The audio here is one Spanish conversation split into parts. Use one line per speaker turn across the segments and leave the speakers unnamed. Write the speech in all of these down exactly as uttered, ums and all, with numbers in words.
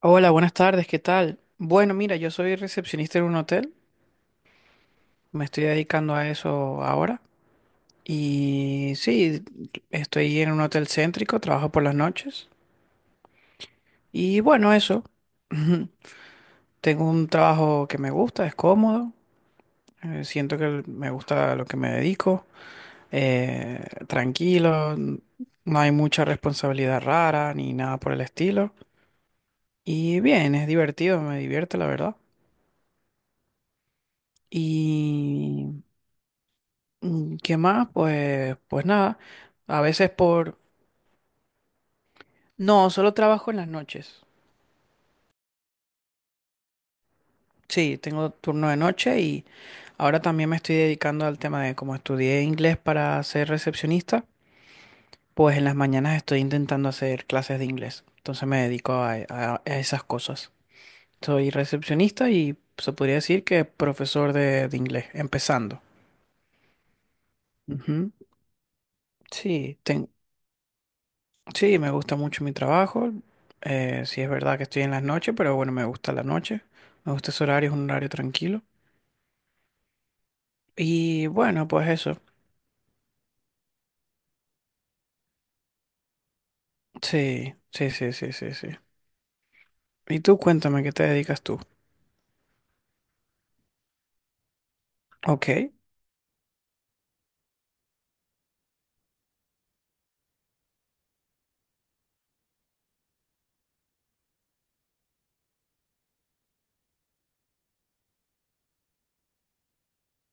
Hola, buenas tardes, ¿qué tal? Bueno, mira, yo soy recepcionista en un hotel, me estoy dedicando a eso ahora y sí, estoy en un hotel céntrico, trabajo por las noches y bueno, eso, tengo un trabajo que me gusta, es cómodo, eh, siento que me gusta lo que me dedico, eh, tranquilo, n- no hay mucha responsabilidad rara ni nada por el estilo y bien, es divertido, me divierte la verdad. Y Mm, ¿qué más? Pues, pues nada. A veces por... No, solo trabajo en las noches. Sí, tengo turno de noche y ahora también me estoy dedicando al tema de como estudié inglés para ser recepcionista, pues en las mañanas estoy intentando hacer clases de inglés. Entonces me dedico a, a- a esas cosas. Soy recepcionista y se podría decir que profesor de, de inglés, empezando. Ujú. Sí, ten- Sí, me gusta mucho mi trabajo. Eh, sí es verdad que estoy en las noches, pero bueno, me gusta la noche. Me gusta ese horario, es un horario tranquilo. Y bueno, pues eso. Sí, sí, sí, sí, sí, sí. Y tú cuéntame, ¿qué te dedicas tú? Ok,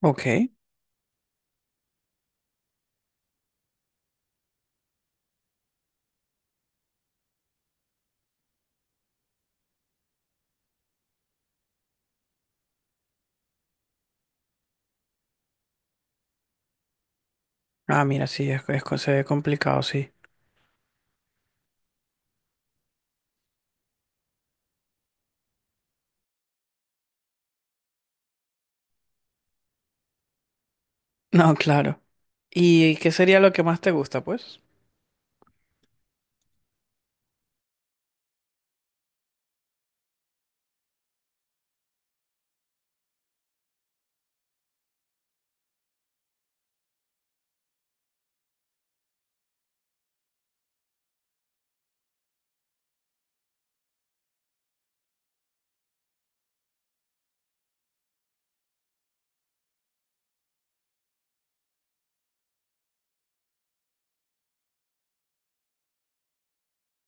ok. Ah, mira, sí, es, es, co- se ve complicado, sí. No, claro. ¿Y qué sería lo que más te gusta, pues?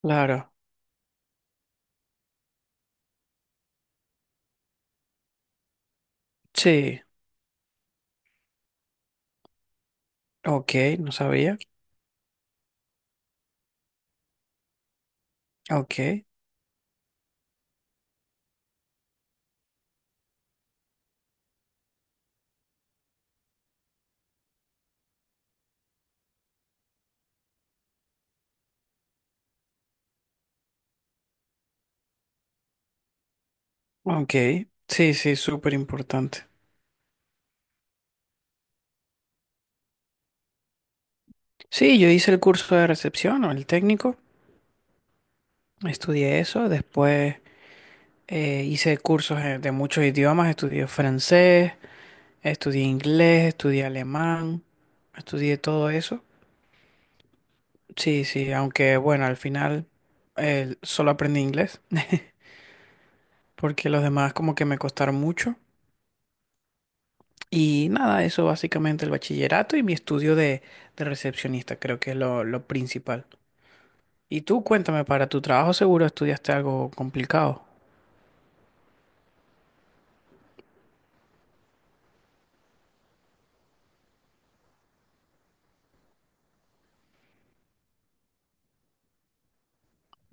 Claro. Sí, ok, no sabía. Ok, ok. Sí, sí, súper importante. Sí, yo hice el curso de recepción o el técnico. Estudié eso, después eh, hice cursos eh, de muchos idiomas, estudié francés, estudié inglés, estudié alemán, estudié todo eso. Sí, sí, aunque bueno, al final eh, solo aprendí inglés, porque los demás como que me costaron mucho. Y nada, eso básicamente el bachillerato y mi estudio de, de recepcionista, creo que es lo, lo principal. Y tú cuéntame, para tu trabajo seguro estudiaste algo complicado.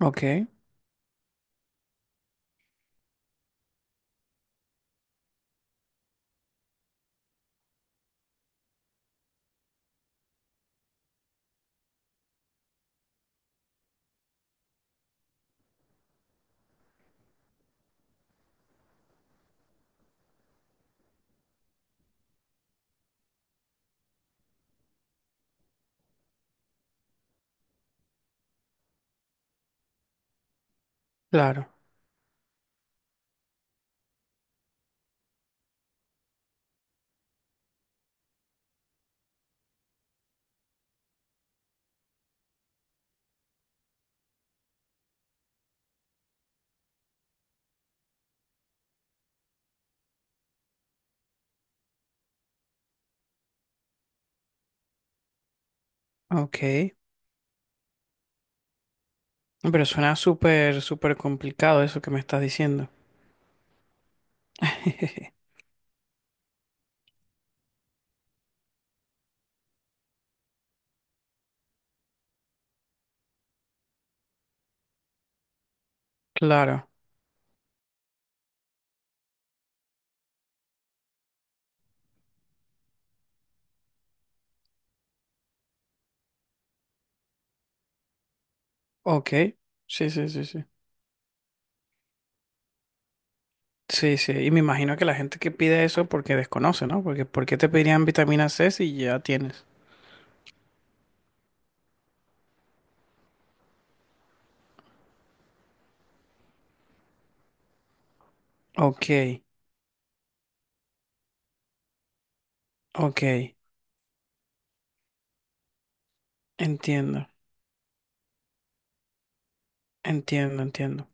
Ok, claro, ok. Pero suena súper, súper complicado eso que me estás diciendo. Claro, ok. Sí, sí, sí, sí. Sí, sí. Y me imagino que la gente que pide eso porque desconoce, ¿no? Porque ¿por qué te pedirían vitamina ce si ya tienes? Ok, ok. Entiendo, entiendo, entiendo.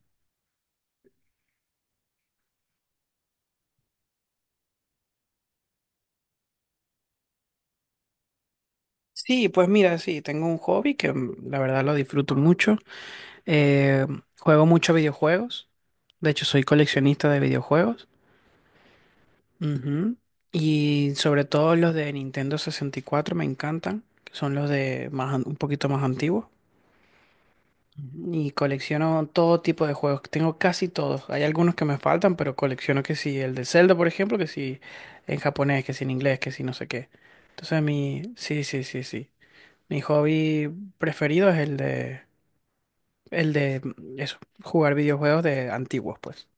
Sí, pues mira, sí, tengo un hobby que mm, la verdad lo disfruto mucho. Eh, juego mucho videojuegos. De hecho, soy coleccionista de videojuegos. Ujú. Y sobre todo los de Nintendo sesenta y cuatro me encantan, que son los de más, an- un poquito más antiguos. Ujú. Y colecciono todo tipo de juegos, tengo casi todos. Hay algunos que me faltan, pero colecciono que si el de Zelda, por ejemplo, que si en japonés, que si en inglés, que si no sé qué. Entonces mi, sí, sí, sí, sí. Mi hobby preferido es el de, el de mm, eso, jugar videojuegos de antiguos, pues.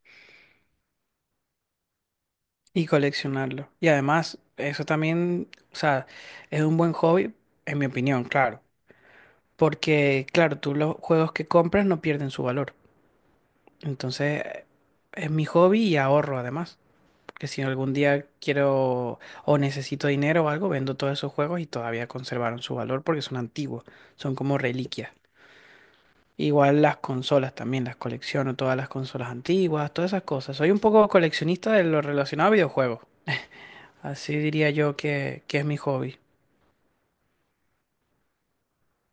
Y coleccionarlo. Y además, eso también, o sea, es un buen hobby, en mi opinión, claro. Porque, claro, tú los juegos que compras no pierden su valor. Entonces, es mi hobby y ahorro además. Porque si algún día quiero o necesito dinero o algo, vendo todos esos juegos y todavía conservaron su valor porque son antiguos, son como reliquias. Igual las consolas también, las colecciono, todas las consolas antiguas, todas esas cosas. Soy un poco coleccionista de lo relacionado a videojuegos. Así diría yo que, que es mi hobby.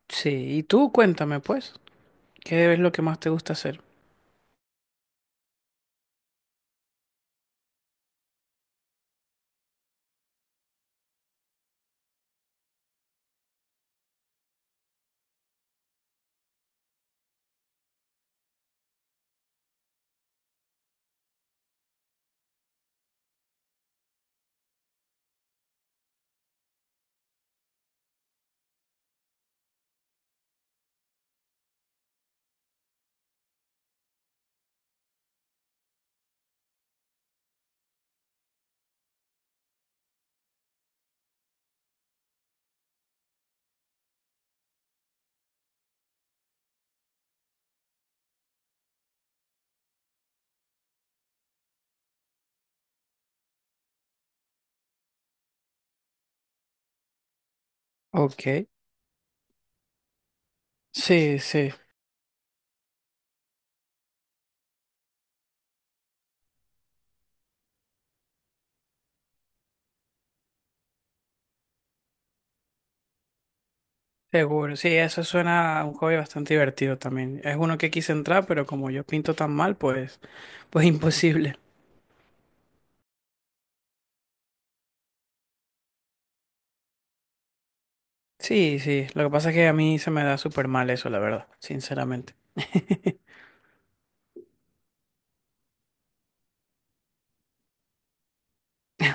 Sí, y tú cuéntame pues, ¿qué es lo que más te gusta hacer? Ok, sí, sí, seguro. Sí, eso suena a un hobby bastante divertido también. Es uno que quise entrar, pero como yo pinto tan mal, pues, pues imposible. Sí, sí, lo que pasa es que a mí se me da súper mal eso, la verdad, sinceramente.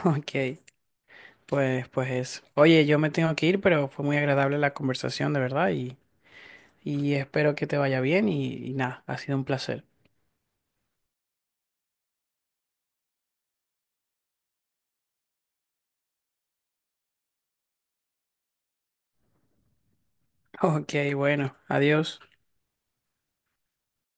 Ok, pues, pues eso. Oye, yo me tengo que ir, pero fue muy agradable la conversación, de verdad, y, y espero que te vaya bien y y nada, ha sido un placer. Ok, bueno, adiós.